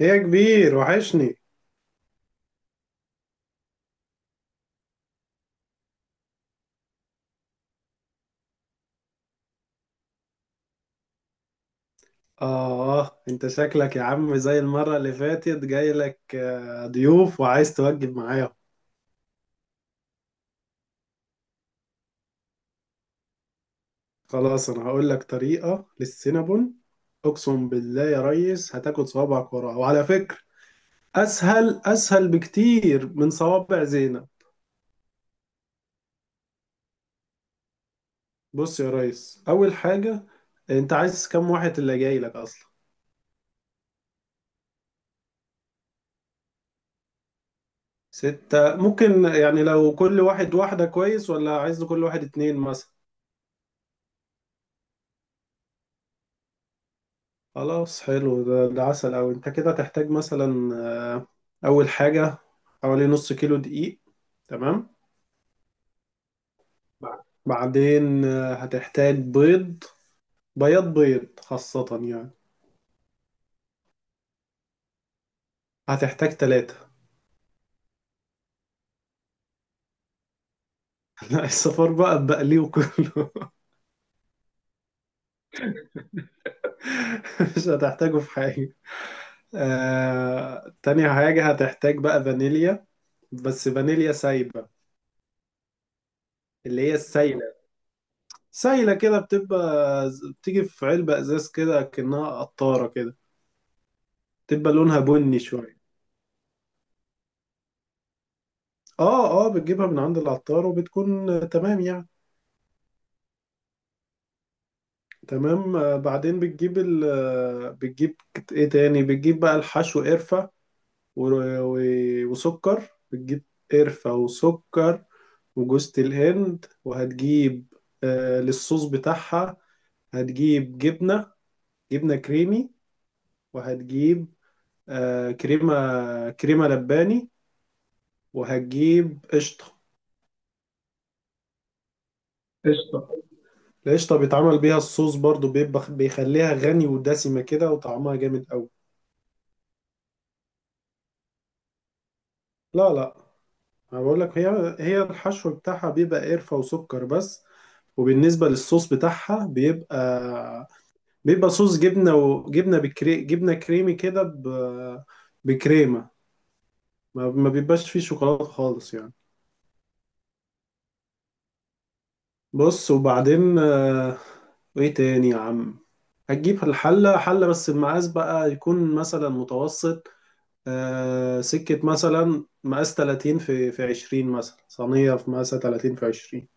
إيه يا كبير وحشني. آه أنت شكلك يا عم زي المرة اللي فاتت جاي لك ضيوف وعايز توجب معايا. خلاص أنا هقول لك طريقة للسينابون. أقسم بالله يا ريس هتاكل صوابعك وراها. وعلى فكرة أسهل بكتير من صوابع زينب. بص يا ريس، أول حاجة، أنت عايز كم واحد اللي جاي لك أصلا؟ ستة ممكن يعني لو كل واحد واحدة كويس، ولا عايز كل واحد اتنين مثلا؟ خلاص حلو ده عسل أوي. أنت كده تحتاج مثلا آه، أول حاجة حوالي نص كيلو دقيق. تمام. بعدين هتحتاج بيض، بياض بيض خاصة يعني. هتحتاج تلاتة. لا الصفار بقى بقليه كله. مش هتحتاجه في حاجة. تاني حاجة هتحتاج بقى فانيليا، بس فانيليا سايبة، اللي هي السايلة. سايلة كده بتبقى، بتيجي في علبة ازاز كده كأنها قطارة كده، تبقى لونها بني شوية. اه اه بتجيبها من عند العطار، وبتكون تمام يعني. تمام. بعدين بتجيب ال بتجيب ايه تاني، بتجيب بقى الحشو: قرفة وسكر. بتجيب قرفة وسكر وجوز الهند. وهتجيب آه للصوص بتاعها، هتجيب جبنة، جبنة كريمي. وهتجيب آه كريمة لباني. وهتجيب قشطة. قشطة. القشطة بيتعمل بيها الصوص برضو، بيبقى بيخليها غني ودسمة كده، وطعمها جامد أوي. لا لا، أنا بقول لك هي الحشو بتاعها بيبقى قرفة وسكر بس. وبالنسبة للصوص بتاعها بيبقى، بيبقى صوص جبنة، وجبنة بكري جبنة كريمي كده ب... بكريمة. ما بيبقاش فيه شوكولاتة خالص يعني. بص، وبعدين آه، وإيه تاني يا عم. هتجيب الحلة، حلة بس المقاس بقى يكون مثلا متوسط. آه سكة مثلا مقاس 30 في 20 مثلا، صينية في مقاسها 30 في 20.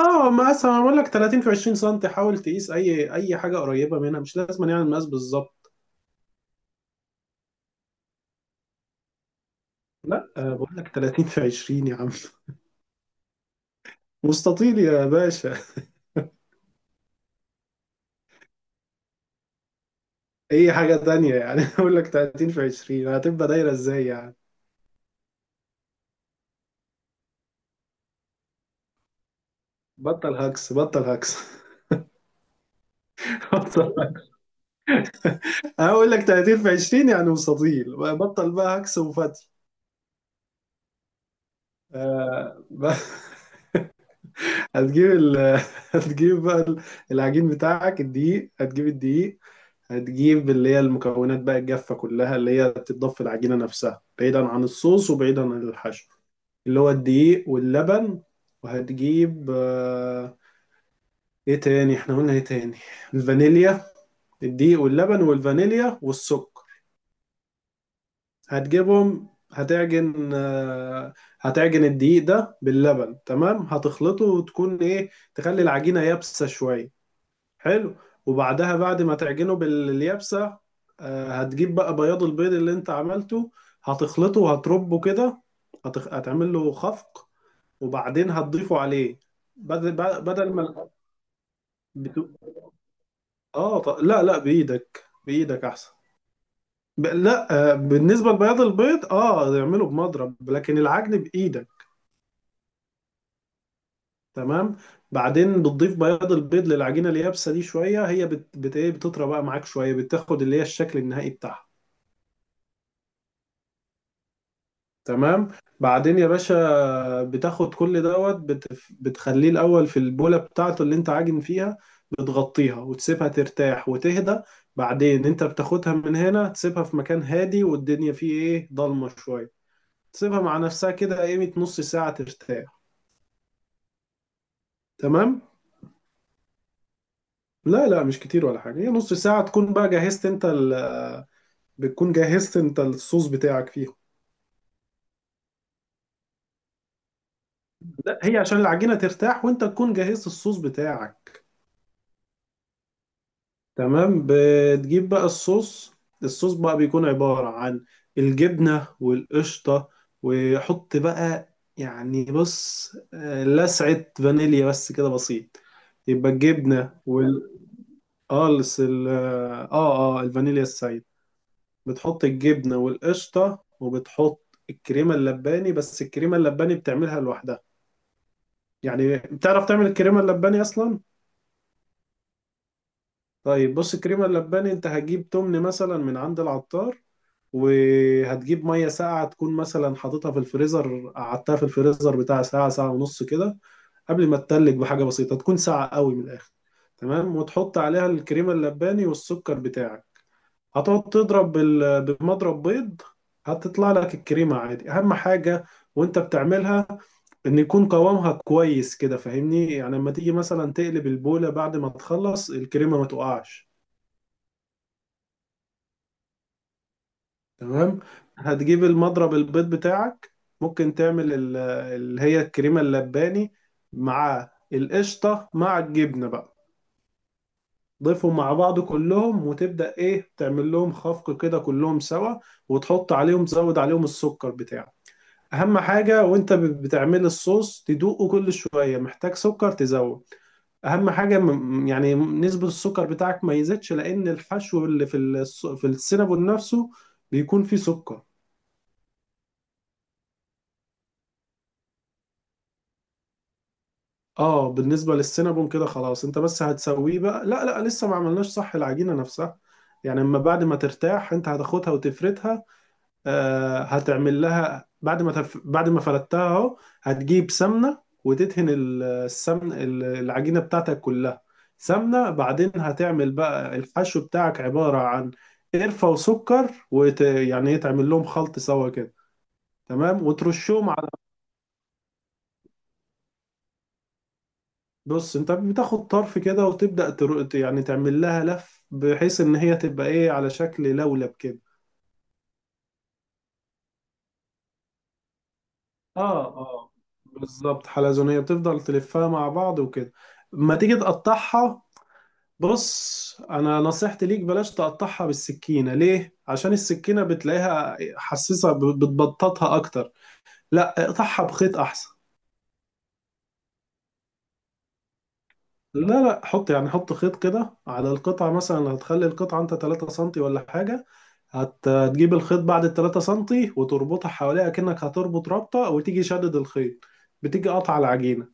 اه مقاسها معمول لك 30 في 20 سم، حاول تقيس أي حاجة قريبة منها، مش لازم يعني المقاس بالظبط. لا آه بقول لك 30 في 20 يا عم. مستطيل يا باشا. أي حاجة تانية يعني؟ بقول لك 30 في 20، هتبقى دايرة إزاي يعني؟ بطل هكس. بطل هكس. أنا بقول لك 30 في 20 يعني مستطيل. بطل بقى هكس وفتي. آه بقى، هتجيب ال... هتجيب بقى العجين بتاعك، الدقيق، هتجيب الدقيق. هتجيب اللي هي المكونات بقى الجافة كلها اللي هي بتتضاف في العجينة نفسها، بعيدا عن الصوص وبعيدا عن الحشو، اللي هو الدقيق واللبن. وهتجيب آه، ايه تاني، احنا قلنا ايه تاني؟ الفانيليا. الدقيق واللبن والفانيليا والسكر. هتجيبهم، هتعجن هتعجن الدقيق ده باللبن، تمام، هتخلطه وتكون ايه، تخلي العجينة يابسة شوية. حلو. وبعدها بعد ما تعجنه باليابسة هتجيب بقى بياض البيض اللي انت عملته، هتخلطه وهتربه كده، هتعمل له خفق، وبعدين هتضيفه عليه. بدل، بدل ما بت... لا لا، بايدك، بايدك احسن. لا بالنسبة لبياض البيض اه اعمله بمضرب، لكن العجن بايدك. تمام. بعدين بتضيف بياض البيض للعجينة اليابسة دي شوية، هي بت... بت... إيه، بتطرى بقى معاك شوية، بتاخد اللي هي الشكل النهائي بتاعها. تمام. بعدين يا باشا بتاخد كل دوت بتخليه الأول في البولة بتاعته اللي انت عاجن فيها، بتغطيها وتسيبها ترتاح وتهدى. بعدين انت بتاخدها من هنا، تسيبها في مكان هادي والدنيا فيه ايه، ضلمة شوية، تسيبها مع نفسها كده قيمة نص ساعة ترتاح. تمام. لا لا مش كتير ولا حاجة، هي نص ساعة تكون بقى جهزت انت ال...، بتكون جهزت انت الصوص بتاعك فيها. لا هي عشان العجينة ترتاح، وانت تكون جهزت الصوص بتاعك. تمام. بتجيب بقى الصوص، الصوص بقى بيكون عبارة عن الجبنة والقشطة. وحط بقى، يعني بص لسعة فانيليا بس كده بسيط. يبقى الجبنة وال الفانيليا السايد. بتحط الجبنة والقشطة، وبتحط الكريمة اللباني، بس الكريمة اللباني بتعملها لوحدها. يعني بتعرف تعمل الكريمة اللباني أصلا؟ طيب بص، الكريمة اللباني أنت هتجيب تمن مثلا من عند العطار. وهتجيب ميه ساقعه تكون مثلا حاططها في الفريزر، قعدتها في الفريزر بتاع ساعه، ساعه ونص كده، قبل ما تتلج بحاجه بسيطه، تكون ساقعه قوي من الاخر. تمام. وتحط عليها الكريمه اللباني والسكر بتاعك، هتقعد تضرب بمضرب بيض. هتطلع لك الكريمه عادي. اهم حاجه وانت بتعملها ان يكون قوامها كويس كده، فاهمني يعني لما تيجي مثلا تقلب البوله بعد ما تخلص الكريمه ما تقعش. تمام. هتجيب المضرب البيض بتاعك، ممكن تعمل اللي هي الكريمة اللباني مع القشطة مع الجبنة بقى، ضيفهم مع بعض كلهم وتبدأ ايه، تعمل لهم خفق كده كلهم سوا، وتحط عليهم تزود عليهم السكر بتاعك. اهم حاجة وانت بتعمل الصوص تدوقه كل شوية، محتاج سكر تزود. اهم حاجة يعني نسبة السكر بتاعك ما يزيدش، لان الحشو اللي في في السينابون نفسه بيكون فيه سكر. اه بالنسبة للسينابون كده خلاص، انت بس هتسويه بقى. لا لا لسه ما عملناش صح، العجينة نفسها يعني، اما بعد ما ترتاح انت هتاخدها وتفردها. آه هتعمل لها بعد ما بعد ما فردتها اهو، هتجيب سمنة وتدهن السمن العجينة بتاعتك كلها سمنة. بعدين هتعمل بقى الحشو بتاعك عبارة عن قرفة وسكر، يعني ايه، تعمل لهم خلط سوا كده، تمام، وترشهم. بص انت بتاخد طرف كده وتبدأ يعني تعمل لها لف بحيث ان هي تبقى ايه على شكل لولب كده. اه اه بالظبط، حلزونية، بتفضل تلفها مع بعض وكده. ما تيجي تقطعها، بص انا نصيحتي ليك بلاش تقطعها بالسكينة، ليه؟ عشان السكينة بتلاقيها حساسة بتبططها اكتر. لا اقطعها بخيط احسن. لا لا، حط يعني حط خيط كده على القطعة، مثلا هتخلي القطعة انت 3 سنتي ولا حاجة، هتجيب الخيط بعد ال 3 سنتي وتربطها حواليها كأنك هتربط رابطة، وتيجي شدد الخيط، بتيجي قطع العجينة.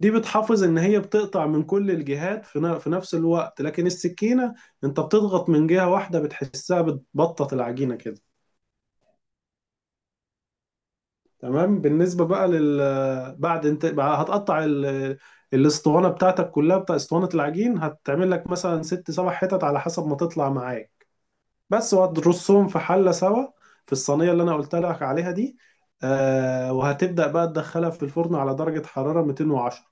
دي بتحافظ ان هي بتقطع من كل الجهات في في نفس الوقت، لكن السكينة انت بتضغط من جهة واحدة، بتحسها بتبطط العجينة كده. تمام. بالنسبة بقى لل بعد، انت بقى هتقطع ال... الاسطوانة بتاعتك كلها بتاع اسطوانة العجين، هتعمل لك مثلا ست سبع حتت على حسب ما تطلع معاك بس، وهترصهم في حلة سوا، في الصينية اللي انا قلت لك عليها دي. آه وهتبدأ بقى تدخلها في الفرن على درجة حرارة 210،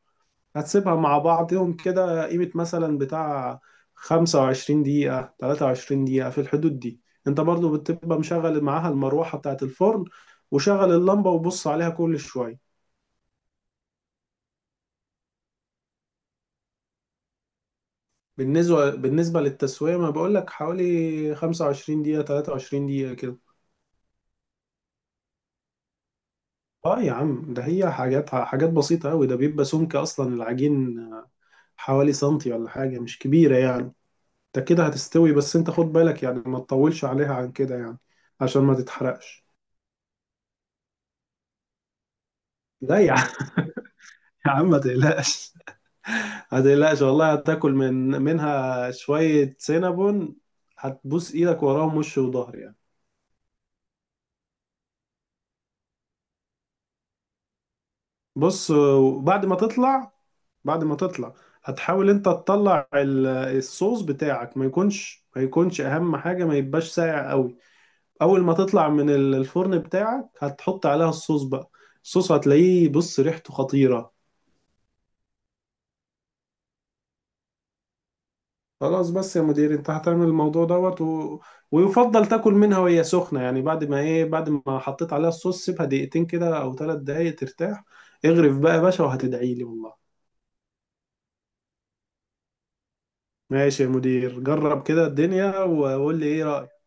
هتسيبها مع بعضهم كده قيمة مثلا بتاع 25 دقيقة 23 دقيقة في الحدود دي. انت برضو بتبقى مشغل معاها المروحة بتاعة الفرن، وشغل اللمبة وبص عليها كل شوية. بالنسبة للتسوية ما بقولك حوالي 25 دقيقة 23 دقيقة كده. اه يا عم ده هي حاجات بسيطة أوي، ده بيبقى سمك أصلا العجين حوالي سنتي ولا حاجة، مش كبيرة يعني. ده كده هتستوي، بس انت خد بالك يعني ما تطولش عليها عن كده يعني، عشان ما تتحرقش. لا يا عم، يا عم ما تقلقش، ما تقلقش والله هتاكل من منها شوية سينابون، هتبوس ايدك وراهم وش وظهر يعني. بص بعد ما تطلع، بعد ما تطلع، هتحاول انت تطلع الصوص بتاعك ما يكونش، ما يكونش اهم حاجة ما يبقاش ساقع قوي. اول ما تطلع من الفرن بتاعك هتحط عليها الصوص بقى. الصوص هتلاقيه بص ريحته خطيرة. خلاص بس يا مدير انت هتعمل الموضوع دوت و... ويفضل تاكل منها وهي سخنة يعني، بعد ما ايه، بعد ما حطيت عليها الصوص سيبها دقيقتين كده او 3 دقايق ترتاح، اغرف بقى يا باشا وهتدعي لي والله. ماشي يا مدير، جرب كده الدنيا وقول لي ايه رأيك.